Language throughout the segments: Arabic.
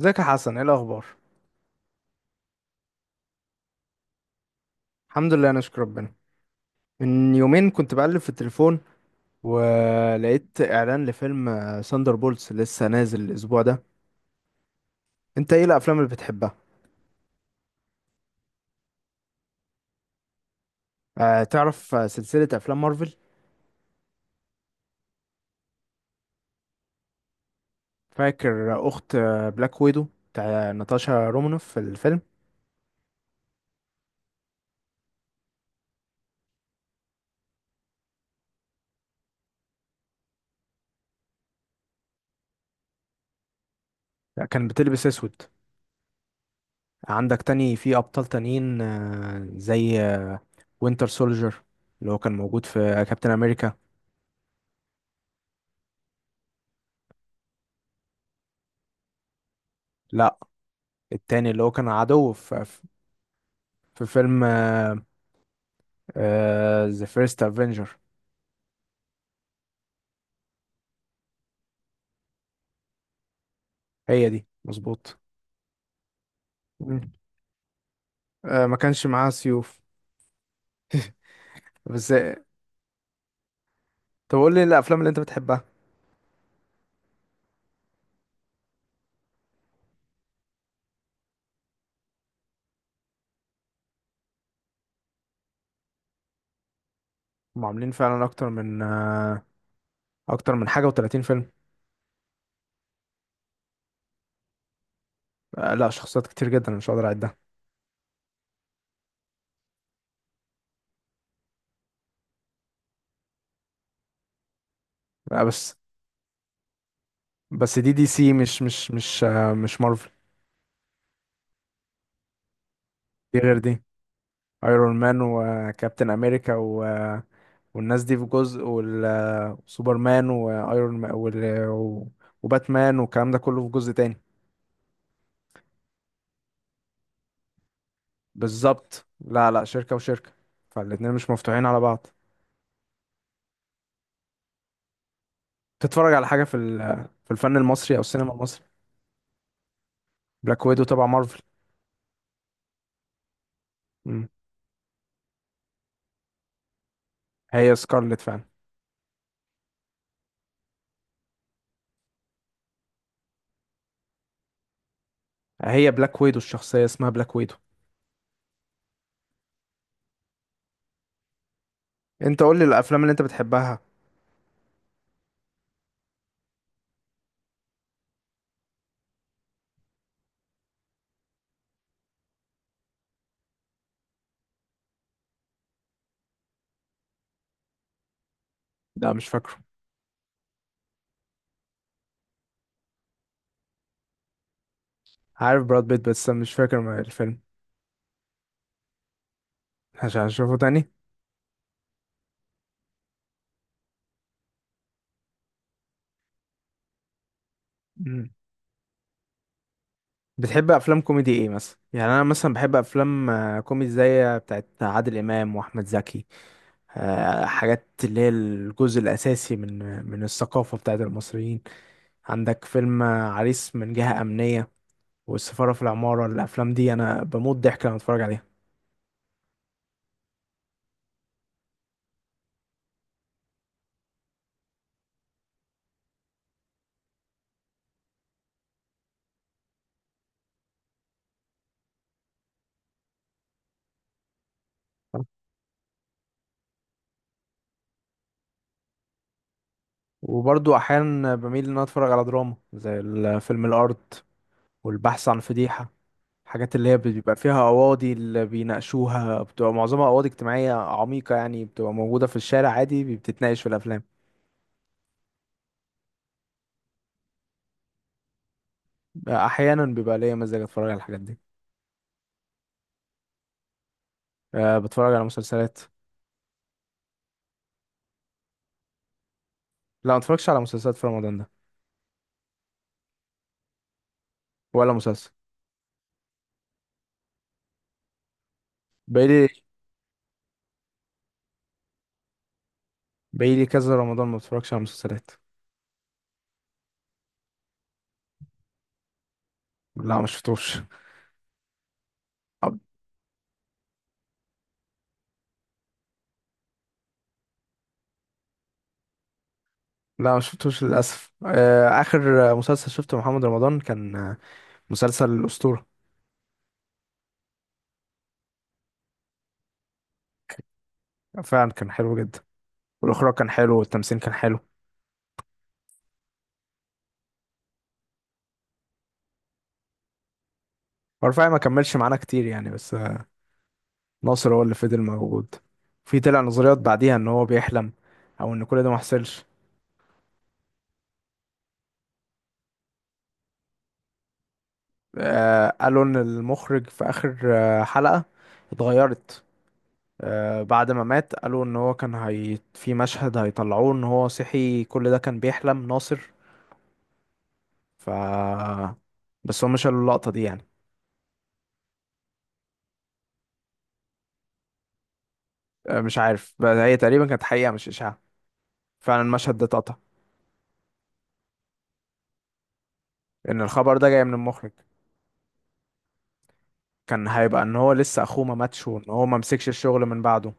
ازيك يا حسن، ايه الاخبار؟ الحمد لله، انا اشكر ربنا. من يومين كنت بقلب في التليفون ولقيت اعلان لفيلم ساندر بولتس لسه نازل الاسبوع ده. انت ايه الافلام اللي بتحبها؟ آه، تعرف؟ سلسلة افلام مارفل. فاكر اخت بلاك ويدو بتاع ناتاشا رومانوف في الفيلم. لا، كان بتلبس اسود. عندك تاني في ابطال تانيين، زي وينتر سولجر اللي هو كان موجود في كابتن امريكا. لا، التاني اللي هو كان عدو في فيلم ذا فيرست افنجر. هي دي مظبوط. مم. آه، ما كانش معاها سيوف. بس طب قول لي إيه الافلام اللي انت بتحبها؟ هم عاملين فعلا اكتر من حاجه و30 فيلم. لا، شخصيات كتير جدا، أنا مش هقدر اعدها. آه بس بس دي DC مش مارفل. دي غير دي. ايرون مان وكابتن امريكا والناس دي في جزء وسوبرمان وايرون مان وباتمان والكلام ده كله في جزء تاني. بالظبط. لا، لا، شركة وشركة. فالاتنين مش مفتوحين على بعض. تتفرج على حاجة في الفن المصري أو السينما المصري؟ بلاك ويدو تبع مارفل. مم. هي سكارلت فعلا. هي بلاك ويدو، الشخصية اسمها بلاك ويدو. أنت قول لي الأفلام اللي أنت بتحبها. لا، مش فاكره. عارف براد بيت بس مش فاكر الفيلم. عشان أشوفه تاني. مم. بتحب أفلام كوميدي إيه مثلا؟ يعني أنا مثلا بحب أفلام كوميدي زي بتاعت عادل إمام وأحمد زكي. حاجات اللي هي الجزء الأساسي من الثقافة بتاعت المصريين. عندك فيلم عريس من جهة أمنية، والسفارة في العمارة، الأفلام دي أنا بموت ضحك لما أتفرج عليها. وبرضو أحيانا بميل إن أنا أتفرج على دراما زي فيلم الأرض والبحث عن فضيحة. الحاجات اللي هي بيبقى فيها قواضي اللي بيناقشوها بتبقى معظمها قواضي اجتماعية عميقة، يعني بتبقى موجودة في الشارع عادي، بتتناقش في الأفلام. أحيانا بيبقى ليا مزاج أتفرج على الحاجات دي. أه، بتفرج على مسلسلات. لا، ما اتفرجش على مسلسلات في رمضان ده. ولا مسلسل. بقالي بقالي كذا رمضان ما اتفرجش على مسلسلات. لا، ما شفتوش. أب- لا، ما شفتوش للاسف. اخر مسلسل شفته محمد رمضان كان مسلسل الاسطوره. فعلا كان حلو جدا. والاخراج كان حلو والتمثيل كان حلو. ورفاعي ما كملش معانا كتير يعني، بس ناصر هو اللي فضل موجود. في طلع نظريات بعديها ان هو بيحلم او ان كل ده ما حصلش. قالوا ان المخرج في اخر حلقه اتغيرت. بعد ما مات قالوا ان هو كان، هي في مشهد هيطلعوه ان هو صحي كل ده كان بيحلم ناصر. ف بس هم شالوا اللقطة دي يعني. مش عارف، بس هي تقريبا كانت حقيقة مش إشاعة. فعلا المشهد ده اتقطع. ان الخبر ده جاي من المخرج. كان هيبقى ان هو لسه اخوه ما ماتش وان هو ما مسكش الشغل من بعده.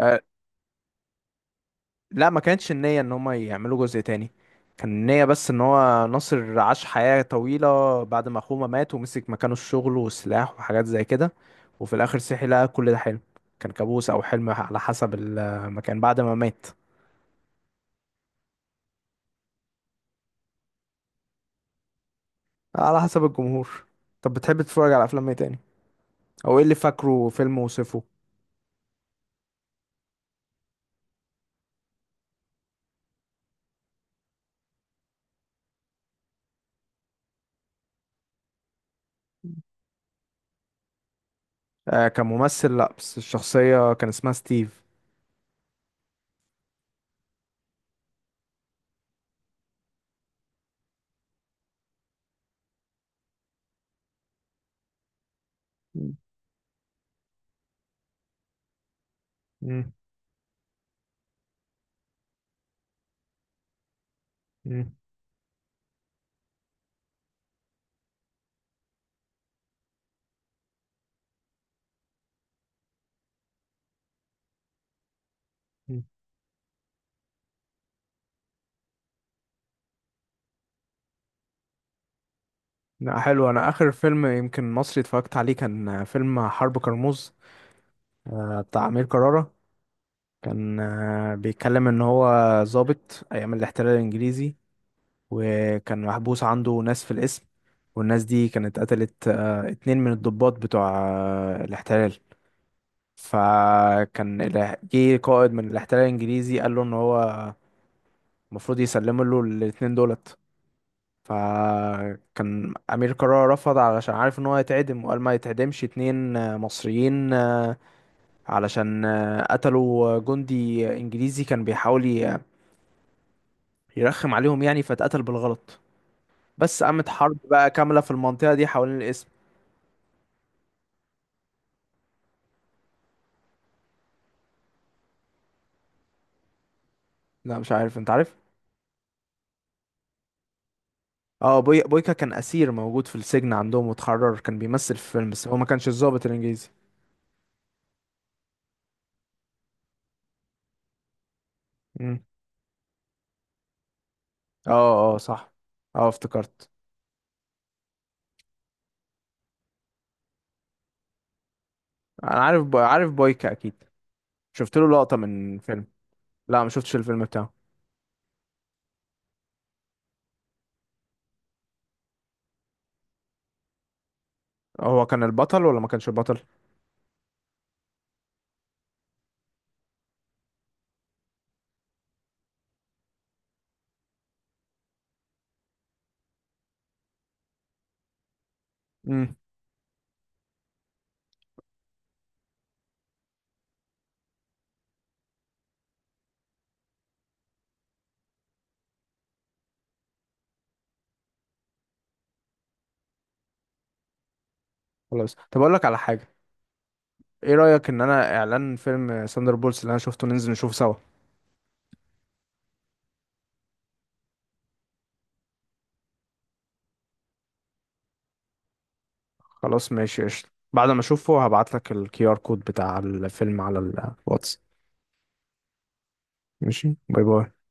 آه، لا، ما كانتش النية ان هما يعملوا جزء تاني. كان النية بس ان هو ناصر عاش حياة طويلة بعد ما اخوه ما مات ومسك مكانه الشغل والسلاح وحاجات زي كده. وفي الاخر صحي لقى كل ده حلم. كان كابوس او حلم على حسب المكان بعد ما مات. على حسب الجمهور. طب بتحب تتفرج على افلام ايه تاني؟ او ايه اللي فاكره فيلم وصفه؟ آه، كممثل؟ لا، بس الشخصية كان اسمها ستيف. مم. مم. مم. لا، حلو. انا اخر فيلم يمكن مصري اتفرجت عليه كان فيلم حرب كرموز. بتاع أمير كرارة. كان بيتكلم إن هو ضابط أيام الاحتلال الإنجليزي. وكان محبوس عنده ناس في القسم. والناس دي كانت قتلت اتنين من الضباط بتوع الاحتلال. فكان جه قائد من الاحتلال الإنجليزي قال له إن هو المفروض يسلم له الاتنين دولت. فكان أمير كرارة رفض علشان عارف إن هو هيتعدم، وقال ما يتعدمش اتنين مصريين علشان قتلوا جندي انجليزي كان بيحاول يرخم عليهم يعني فاتقتل بالغلط. بس قامت حرب بقى كاملة في المنطقة دي حوالين الاسم. لا، مش عارف. انت عارف؟ اه، بويكا كان اسير موجود في السجن عندهم واتحرر، كان بيمثل في فيلم بس هو ما كانش الضابط الانجليزي. مم. اه، اه، صح. اه، افتكرت. انا عارف بويكا اكيد. شفت له لقطة من فيلم. لا، ما شفتش الفيلم بتاعه. هو كان البطل ولا ما كانش البطل؟ امم. خلاص، طب اقول لك على حاجة. ايه رأيك ان انا، اعلان فيلم ساندر بولز اللي انا شفته، ننزل نشوفه سوا؟ خلاص، ماشي، قشطة. بعد ما اشوفه هبعت لك الـQR كود بتاع الفيلم على الواتس. ماشي، باي باي.